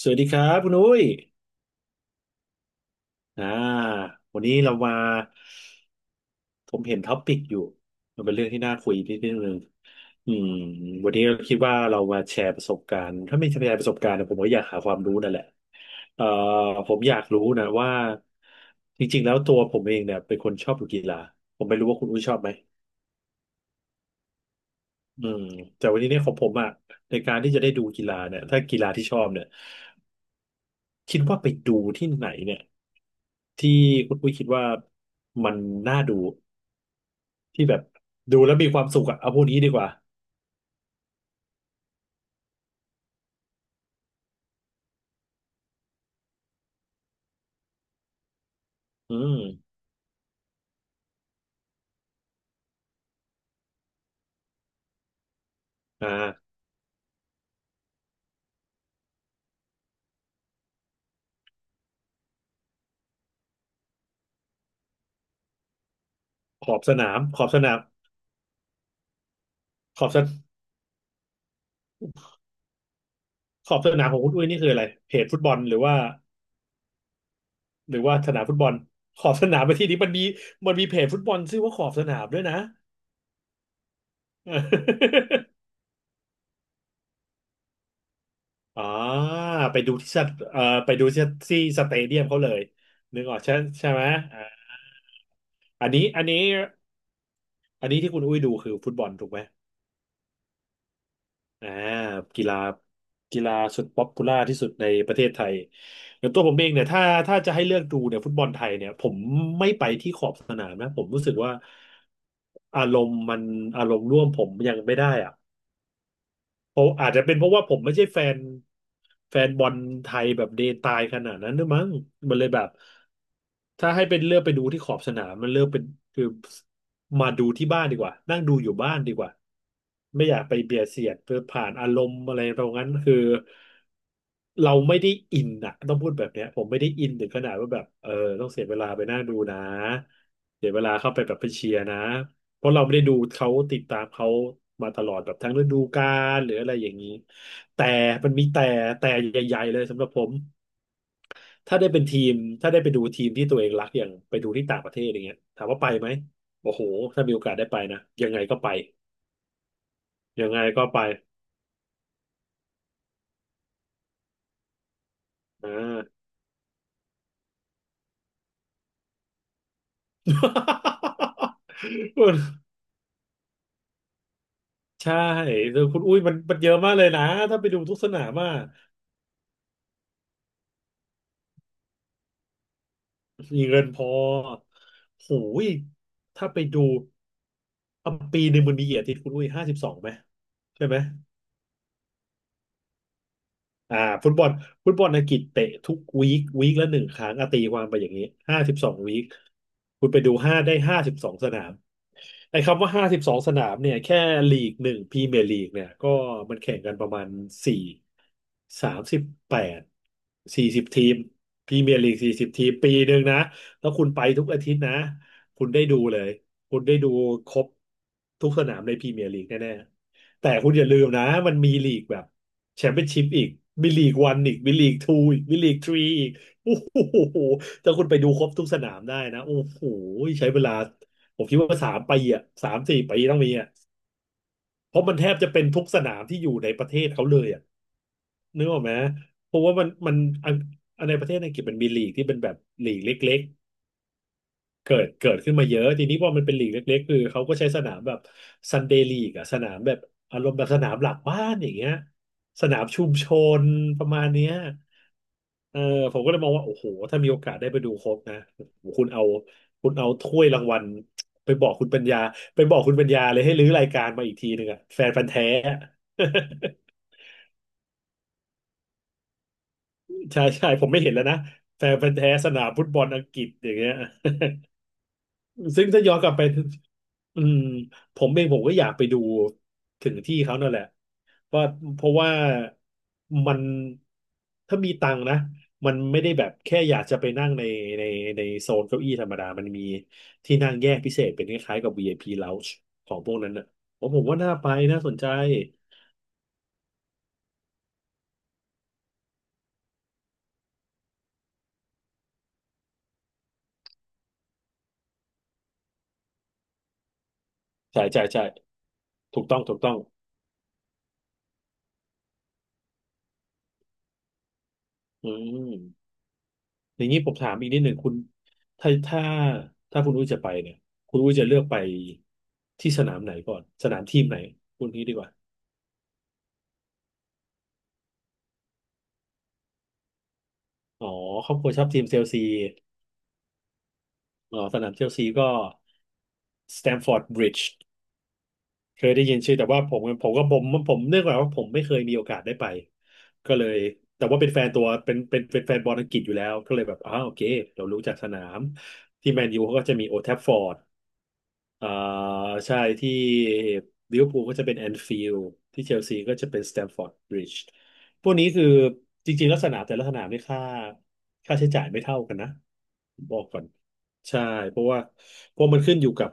สวัสดีครับคุณอุ้ยอ่าวันนี้เรามาผมเห็นท็อปิกอยู่มันเป็นเรื่องที่น่าคุยนิดนึงอืมวันนี้เราคิดว่าเรามาแชร์ประสบการณ์ถ้าไม่แชร์ประสบการณ์นะผมก็อยากหาความรู้นั่นแหละเอ่อผมอยากรู้นะว่าจริงๆแล้วตัวผมเองเนี่ยเป็นคนชอบดูกีฬาผมไม่รู้ว่าคุณอุ้ยชอบไหมอืมแต่วันนี้เนี่ยของผมอ่ะในการที่จะได้ดูกีฬาเนี่ยถ้ากีฬาที่ชอบเนี่ยคิดว่าไปดูที่ไหนเนี่ยที่คุณอุ้ยคิดว่ามันน่าดู ที่แบบดูแล้วมีความสุขอะเอาพวกนี้ดีกว่าอืมอ่าขอบสนามขอบสนามขอบสนขอบสนามของคุณอุ้ยนี่คืออะไรเพจฟุตบอลหรือว่าหรือว่าสนามฟุตบอลขอบสนามไปที่นี้มันมีเพจฟุตบอลชื่อว่าขอบสนามด้วยนะ อ่าไปดูที่ที่สเตเดียมเขาเลยนึกออกใช่ไหมอ่าอันนี้อันนี้อันนี้ที่คุณอุ้ยดูคือฟุตบอลถูกไหม อ่ากีฬากีฬาสุดป๊อปปูล่าที่สุดในประเทศไทยอย่างตัวผมเองเนี่ยถ้าจะให้เลือกดูเนี่ยฟุตบอลไทยเนี่ยผมไม่ไปที่ขอบสนามนะผมรู้สึกว่าอารมณ์มันอารมณ์ร่วมผมยังไม่ได้อะ เพราะอาจจะเป็นเพราะว่าผมไม่ใช่แฟนบอลไทยแบบเดตายขนาดนั้นด้วยมั้งมันเลยแบบถ้าให้เป็นเลือกไปดูที่ขอบสนามมันเลือกเป็นคือมาดูที่บ้านดีกว่านั่งดูอยู่บ้านดีกว่าไม่อยากไปเบียดเสียดเพื่อผ่านอารมณ์อะไรตรงนั้นคือเราไม่ได้อินอะต้องพูดแบบเนี้ยผมไม่ได้อินถึงขนาดว่าแบบเออต้องเสียเวลาไปนั่งดูนะเสียเวลาเข้าไปแบบไปเชียร์นะ เพราะเราไม่ได้ดูเขาติดตามเขามาตลอดแบบทั้งฤดูกาลหรืออะไรอย่างนี้แต่มันมีแต่แต่ใหญ่ๆเลยสำหรับผมถ้าได้เป็นทีมถ้าได้ไปดูทีมที่ตัวเองรักอย่างไปดูที่ต่างประเทศอย่างเงี้ยถามว่าไปไหมโอ้โหถ้ามีโอกาสได้ไปนะยังไงก็ไปอ่า ใช่แต่คุณอุ้ยมันเยอะมากเลยนะถ้าไปดูทุกสนามอ่ะ มีเงินพอโหยถ้าไปดูอ่ะปีหนึ่งมันมีกี่อาทิตย์คุณอุ้ยห้าสิบสองไหมใช่ไหม อ่าฟุตบอลฟุตบอลอังกฤษเตะทุกวีควีคละหนึ่งครั้งอะตีความไปอย่างนี้ห้าสิบสองวีคคุณไปดูห้าสิบสองสนามไอ้คำว่าห้าสิบสองสนามเนี่ยแค่ลีกหนึ่งพรีเมียร์ลีกเนี่ยก็มันแข่งกันประมาณสี่สามสิบแปดสี่สิบทีมพรีเมียร์ลีกสี่สิบทีมปีหนึ่งนะแล้วคุณไปทุกอาทิตย์นะคุณได้ดูเลยคุณได้ดูครบทุกสนามในพรีเมียร์ลีกแน่ๆแต่คุณอย่าลืมนะมันมีลีกแบบ แชมเปี้ยนชิพอีกบิลีกวันอีกบิลีกทูอีกบิลีกทรีอีกโอ้โหถ้าคุณไปดูครบทุกสนามได้นะโอ้โหใช้เวลาผมคิดว่า3 ปีอ่ะ3-4 ปีต้องมีอ่ะเพราะมันแทบจะเป็นทุกสนามที่อยู่ในประเทศเขาเลยอ่ะนึกออกไหมเพราะว่ามันมันอันอันในประเทศอังกฤษมันมีลีกที่เป็นแบบลีกเล็กๆเกิดขึ้นมาเยอะทีนี้พอมันเป็นลีกเล็กๆคือเขาก็ใช้สนามแบบซันเดย์ลีกอะสนามแบบอารมณ์แบบสนามหลักบ้านอย่างเงี้ยสนามชุมชนประมาณเนี้ย เออผมก็เลยมองว่าโอ้โหถ้ามีโอกาสได้ไปดูครบนะโอ้โหคุณเอาถ้วยรางวัลไปบอกคุณปัญญาไปบอกคุณปัญญาเลยให้รื้อรายการมาอีกทีหนึ่งอะแฟนพันธุ์แท้อะ ใช่ใช่ผมไม่เห็นแล้วนะแฟนพันธุ์แท้สนามฟุตบอลอังกฤษอย่างเงี้ย ซึ่งถ้าย้อนกลับไปอืมผมเองผมก็อยากไปดูถึงที่เขานั่นแหละว่าเพราะว่ามันถ้ามีตังค์นะมันไม่ได้แบบแค่อยากจะไปนั่งในในโซนเก้าอี้ธรรมดามันมีที่นั่งแยกพิเศษเป็นคล้ายๆกับ VIP Lounge ของพวกนั้นน่ะผมว่าน่าไปน่าสนใจใช่ใช่ใช่ถูกต้องถูกต้องอืม อย่างนี้ผมถามอีกนิดหนึ่งคุณถ้าถ้าถ้าคุณอุ้ยจะไปเนี่ยคุณอุ้ยจะเลือกไปที่สนามไหนก่อนสนามทีมไหนคุณนี้ดีกว่าอ๋อครอบครัวชอบทีมเชลซีอ๋อสนามเชลซีก็สแตมฟอร์ดบริดจ์เคยได้ยินชื่อแต่ว่าผมผมก็ผมผมเนื่องจากว่าผมไม่เคยมีโอกาสได้ไปก็เลยแต่ว่าเป็นแฟนตัวเป็นแฟนบอลอังกฤษอยู่แล้วก็เลยแบบอ้าวโอเคเรารู้จักสนามที่แมนยูเขาก็จะมีโอ d ท f ฟอร์ด อ่าใช่ที่ลิเวอร์พูลก็จะเป็นแอนฟิลด์ที่เชลซีก็จะเป็นสแตมฟอร์ดบริดจ์พวกนี้คือจริงๆลักษณะแต่ละสนามนี่ค่าค่าใช้จ่ายไม่เท่ากันนะบอกก่อนใช่เพราะว่าเพราะมันขึ้นอยู่กับ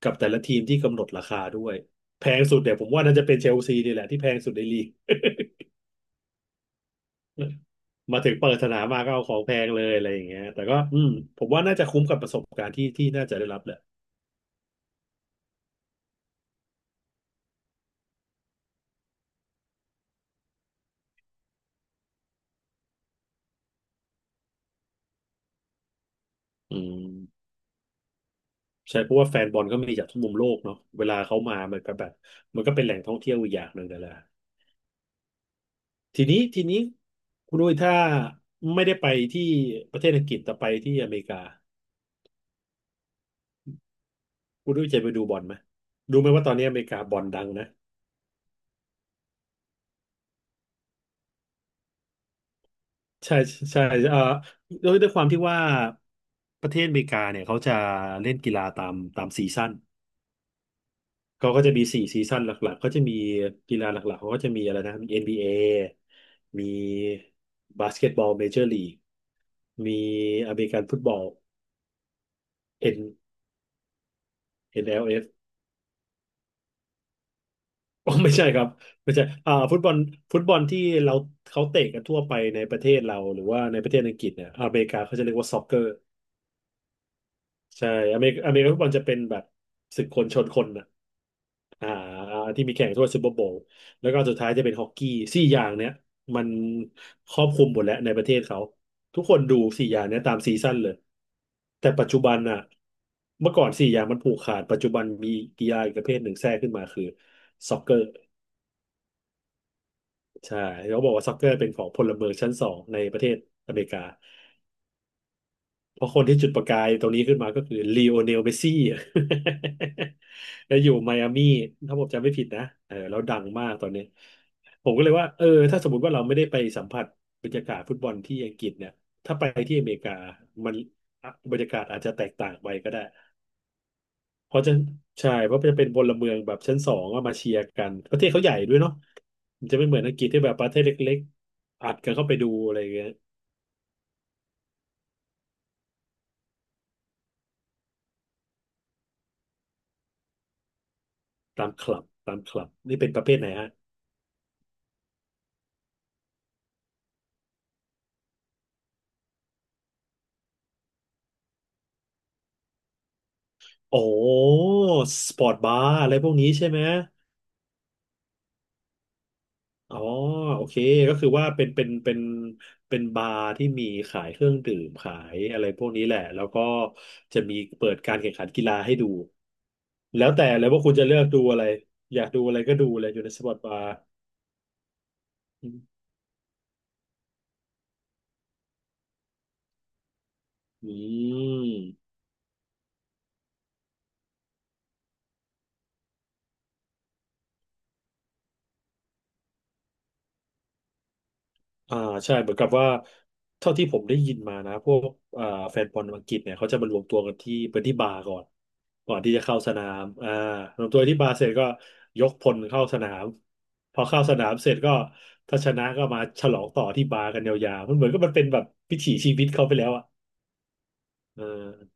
กับแต่ละทีมที่กำหนดราคาด้วยแพงสุดเนี่ยผมว่าน่าจะเป็นเชลซีนี่แหละที่แพงสุดในลีก มาถึงเปิดสนามมาก็เอาของแพงเลยอะไรอย่างเงี้ยแต่ก็อืมผมว่าน่าจะคุ้มกับประสบการณ์ที่ที่น่าจะได้รับแหละอืม ใช่เพราะว่าแฟนบอลก็มีจากทุกมุมโลกเนาะเวลาเขามามันก็แบบมันก็เป็นแหล่งท่องเที่ยวอีกอย่างหนึ่งนั่นแหละทีนี้คุณอุ้ยถ้าไม่ได้ไปที่ประเทศอังกฤษแต่ไปที่อเมริกาคุณอุ้ยจะไปดูบอลไหมรู้ไหมว่าตอนนี้อเมริกาบอลดังนะใช่ใช่เอ่อด้วยด้วยความที่ว่าประเทศอเมริกาเนี่ยเขาจะเล่นกีฬาตามตามซีซั่น เขาก็จะมีสี่ซีซั่นหลักๆ เขาจะมีกีฬาหลักๆ เขาก็จะมีอะไรนะมีเอ็นบี b a มีบาสเกตบอลเมเจอร์ลีกมีอเมริกันฟุตบอล N เอ็ l f อลเอฟอ๋อไม่ใช่ครับไม่ใช่อ่าฟุตบอลฟุตบอลที่เราเขาเตะกันทั่วไปในประเทศเราหรือว่าในประเทศอังกฤษเนี่ยอเมริกาเขาจะเรียกว่าซ็อกเกอร์ใช่อเมริกาฟุตบอลจะเป็นแบบศึกคนชนคนนะ อ่าที่มีแข่งทั่วซูเปอร์โบว์แล้วก็สุดท้ายจะเป็นฮอกกี้สี่อย่างเนี้ยมันครอบคลุมหมดแล้วในประเทศเขาทุกคนดูสี่อย่างเนี้ยตามซีซั่นเลยแต่ปัจจุบันน่ะเมื่อก่อนสี่อย่างมันผูกขาดปัจจุบันมีกีฬาอีกประเภทหนึ่งแทรกขึ้นมาคือซ็อกเกอร์ใช่เขาบอกว่าซ็อกเกอร์เป็นของพลเมืองชั้นสองในประเทศอเมริกา เพราะคนที่จุดประกายตรงนี้ขึ้นมาก็คือลีโอเนลเมสซี่ แล้วอยู่ไมอามี่ถ้าผมจำไม่ผิดนะเออแล้วดังมากตอนนี้ ผมก็เลยว่าเออถ้าสมมติว่าเราไม่ได้ไปสัมผัสบรรยากาศฟุตบอลที่อังกฤษเนี่ยถ้าไปที่อเมริกามันอ่ะบรรยากาศอาจจะแตกต่างไปก็ได้ เพราะจะใช่ เพราะจะเป็นพลเมืองแบบชั้นสองก็มาเชียร์กัน ประเทศเขาใหญ่ด้วยเนาะมันจะไม่เหมือนอังกฤษที่แบบประเทศเล็กๆอัดกันเข้าไปดูอะไรอย่างเงี้ยตามคลับนี่เป็นประเภทไหน โอ้สปอร์ตบาร์อะไรพวกนี้ใช่ไหม อ๋อ โอเค ก็คือว่าเป็นบาร์ที่มีขายเครื่องดื่มขายอะไรพวกนี้แหละ แล้วก็จะมีเปิดการแข่งขันกีฬาให้ดู แล้วแต่เลยว่าคุณจะเลือกดูอะไร อยากดูอะไรก็ดูเลยอยู่ในสปอร์ตบาร์อืม อ่าใช่เหมือนกับว่าเท่าที่ผมได้ยินมานะพวกอ่าแฟนบอลอังกฤษเนี่ยเขาจะมารวมตัวกันที่เป็นที่บาร์ก่อนก่อนที่จะเข้าสนามอ่ารวมตัวที่บาร์เสร็จก็ยกพลเข้าสนามพอเข้าสนามเสร็จก็ถ้าชนะก็มาฉลองต่อที่บาร์กันยาวๆมันเหมือนก็มันเป็นแบบวิถีชีวิตเขาไปแล้ว เออ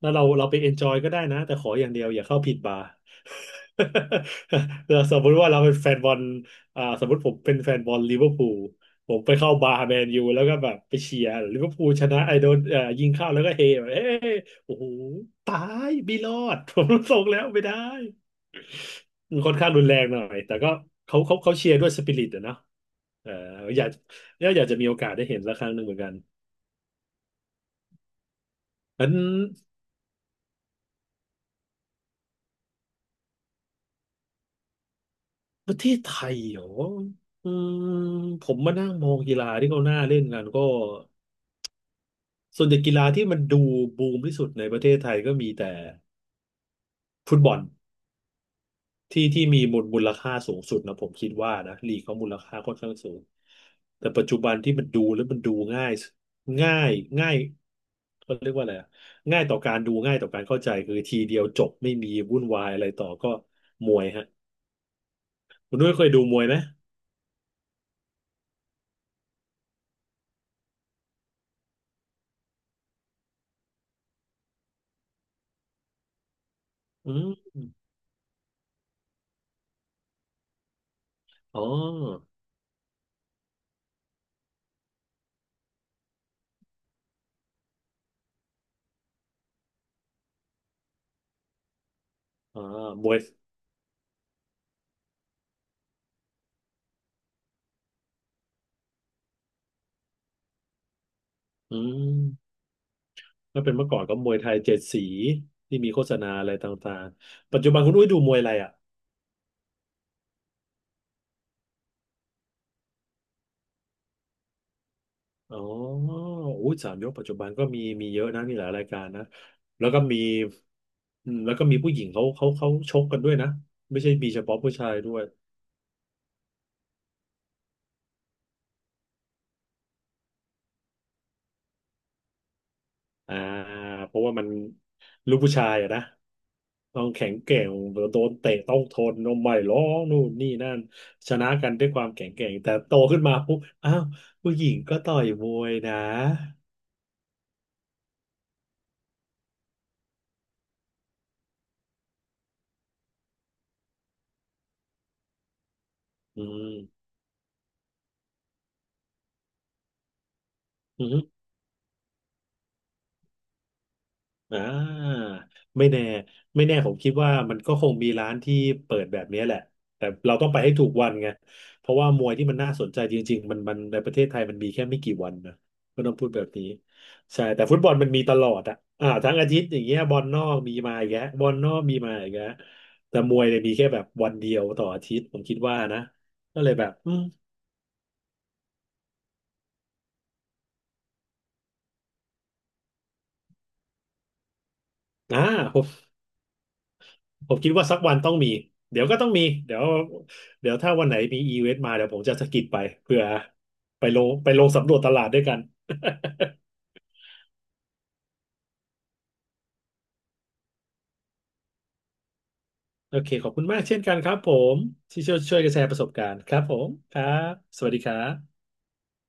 แล้วเราไปเอนจอยก็ได้นะแต่ขออย่างเดียวอย่าเข้าผิดบาร์ เราสมมติว่าเราเป็นแฟนบอลอ่าสมมติผมเป็นแฟนบอลลิเวอร์พูลผมไปเข้าบาร์แมนยูแล้วก็แบบไปเชียร์ลิเวอร์พูลชนะไอโดนยิงเข้าแล้วก็เฮแบบเอ้ยโอ้โหตายไม่รอด ผมรส่งแล้วไม่ได้มันค่อนข้างรุนแรงหน่อยแต่ก็เขาเชียร์ด้วยสปิริตอะเนาะเอออยากแล้วอยากจะมีโอกาสได้เห็นละครั้งหนึ่งเหมือนกันงั้น ประเทศไทยเหรออืมผมมานั่งมองกีฬาที่เขาหน้าเล่นกันก็ส่วนใหญ่กีฬาที่มันดูบูมที่สุดในประเทศไทยก็มีแต่ฟุตบอลที่มีมูลค่าสูงสุดนะผมคิดว่านะลีกเขามูลค่าค่อนข้างสูงแต่ปัจจุบันที่มันดูแล้วมันดูง่ายง่ายง่ายเขาเรียกว่าอะไรอะง่ายต่อการดูง่ายต่อการเข้าใจคือทีเดียวจบไม่มีวุ่นวายอะไรต่อก็มวยฮะคุณด้วยเคยดูมวยไหมอืมอ๋ออ่ามวย อืมถ้าเป็นเมื่อก่อนก็มวยไทยเจ็ดสีที่มีโฆษณาอะไรต่างๆปัจจุบันคุณอุ้ยดูมวยอะไรอ่ะอ๋ออุ้ยสามยกปัจจุบันก็มีมีเยอะนะมีหลายรายการนะแล้วก็มีอืมแล้วก็มีผู้หญิงเขาชกกันด้วยนะไม่ใช่มีเฉพาะผู้ชายด้วยอ่าเพราะว่ามันลูกผู้ชายอะนะต้องแข็งแกร่งโดนเตะต้องทนนมไม่ร้องนู่นนี่นั่นชนะกันด้วยความแข็งแกร่งแต่โตขึ้นมาปุ๊บอ้าวผู้หญิงก็ต่อยมวยนะ อืมอืมอ่าไม่แน่ไม่แน่ผมคิดว่ามันก็คงมีร้านที่เปิดแบบนี้แหละ แต่เราต้องไปให้ถูกวันไงเพราะว่ามวยที่มันน่าสนใจจริงๆมันมันในประเทศไทยมันมีแค่ไม่กี่วันนะก็ต้องพูดแบบนี้ ใช่แต่ฟุตบอลมันมีตลอดอ่ะอ่าทั้งอาทิตย์อย่างเงี้ยบอลนอกมีมาอีกแล้วบอลนอกมีมาอีกแล้วแต่มวยเนี่ยมีแค่แบบวันเดียวต่ออาทิตย์ผมคิดว่านะก็เลยแบบอืมอ่า ผมคิดว่าสักวันต้องมี เดี๋ยวก็ต้องมี เดี๋ยวเดี๋ยวถ้าวันไหนมีอีเวนต์มาเดี๋ยวผมจะสะกิดไปเพื่อไปลงสำรวจตลาดด้วยกัน โอเคขอบคุณมากเช่นกันครับผมที่ช่วยกันแชร์ประสบการณ์ครับผมครับสวัสดีครับ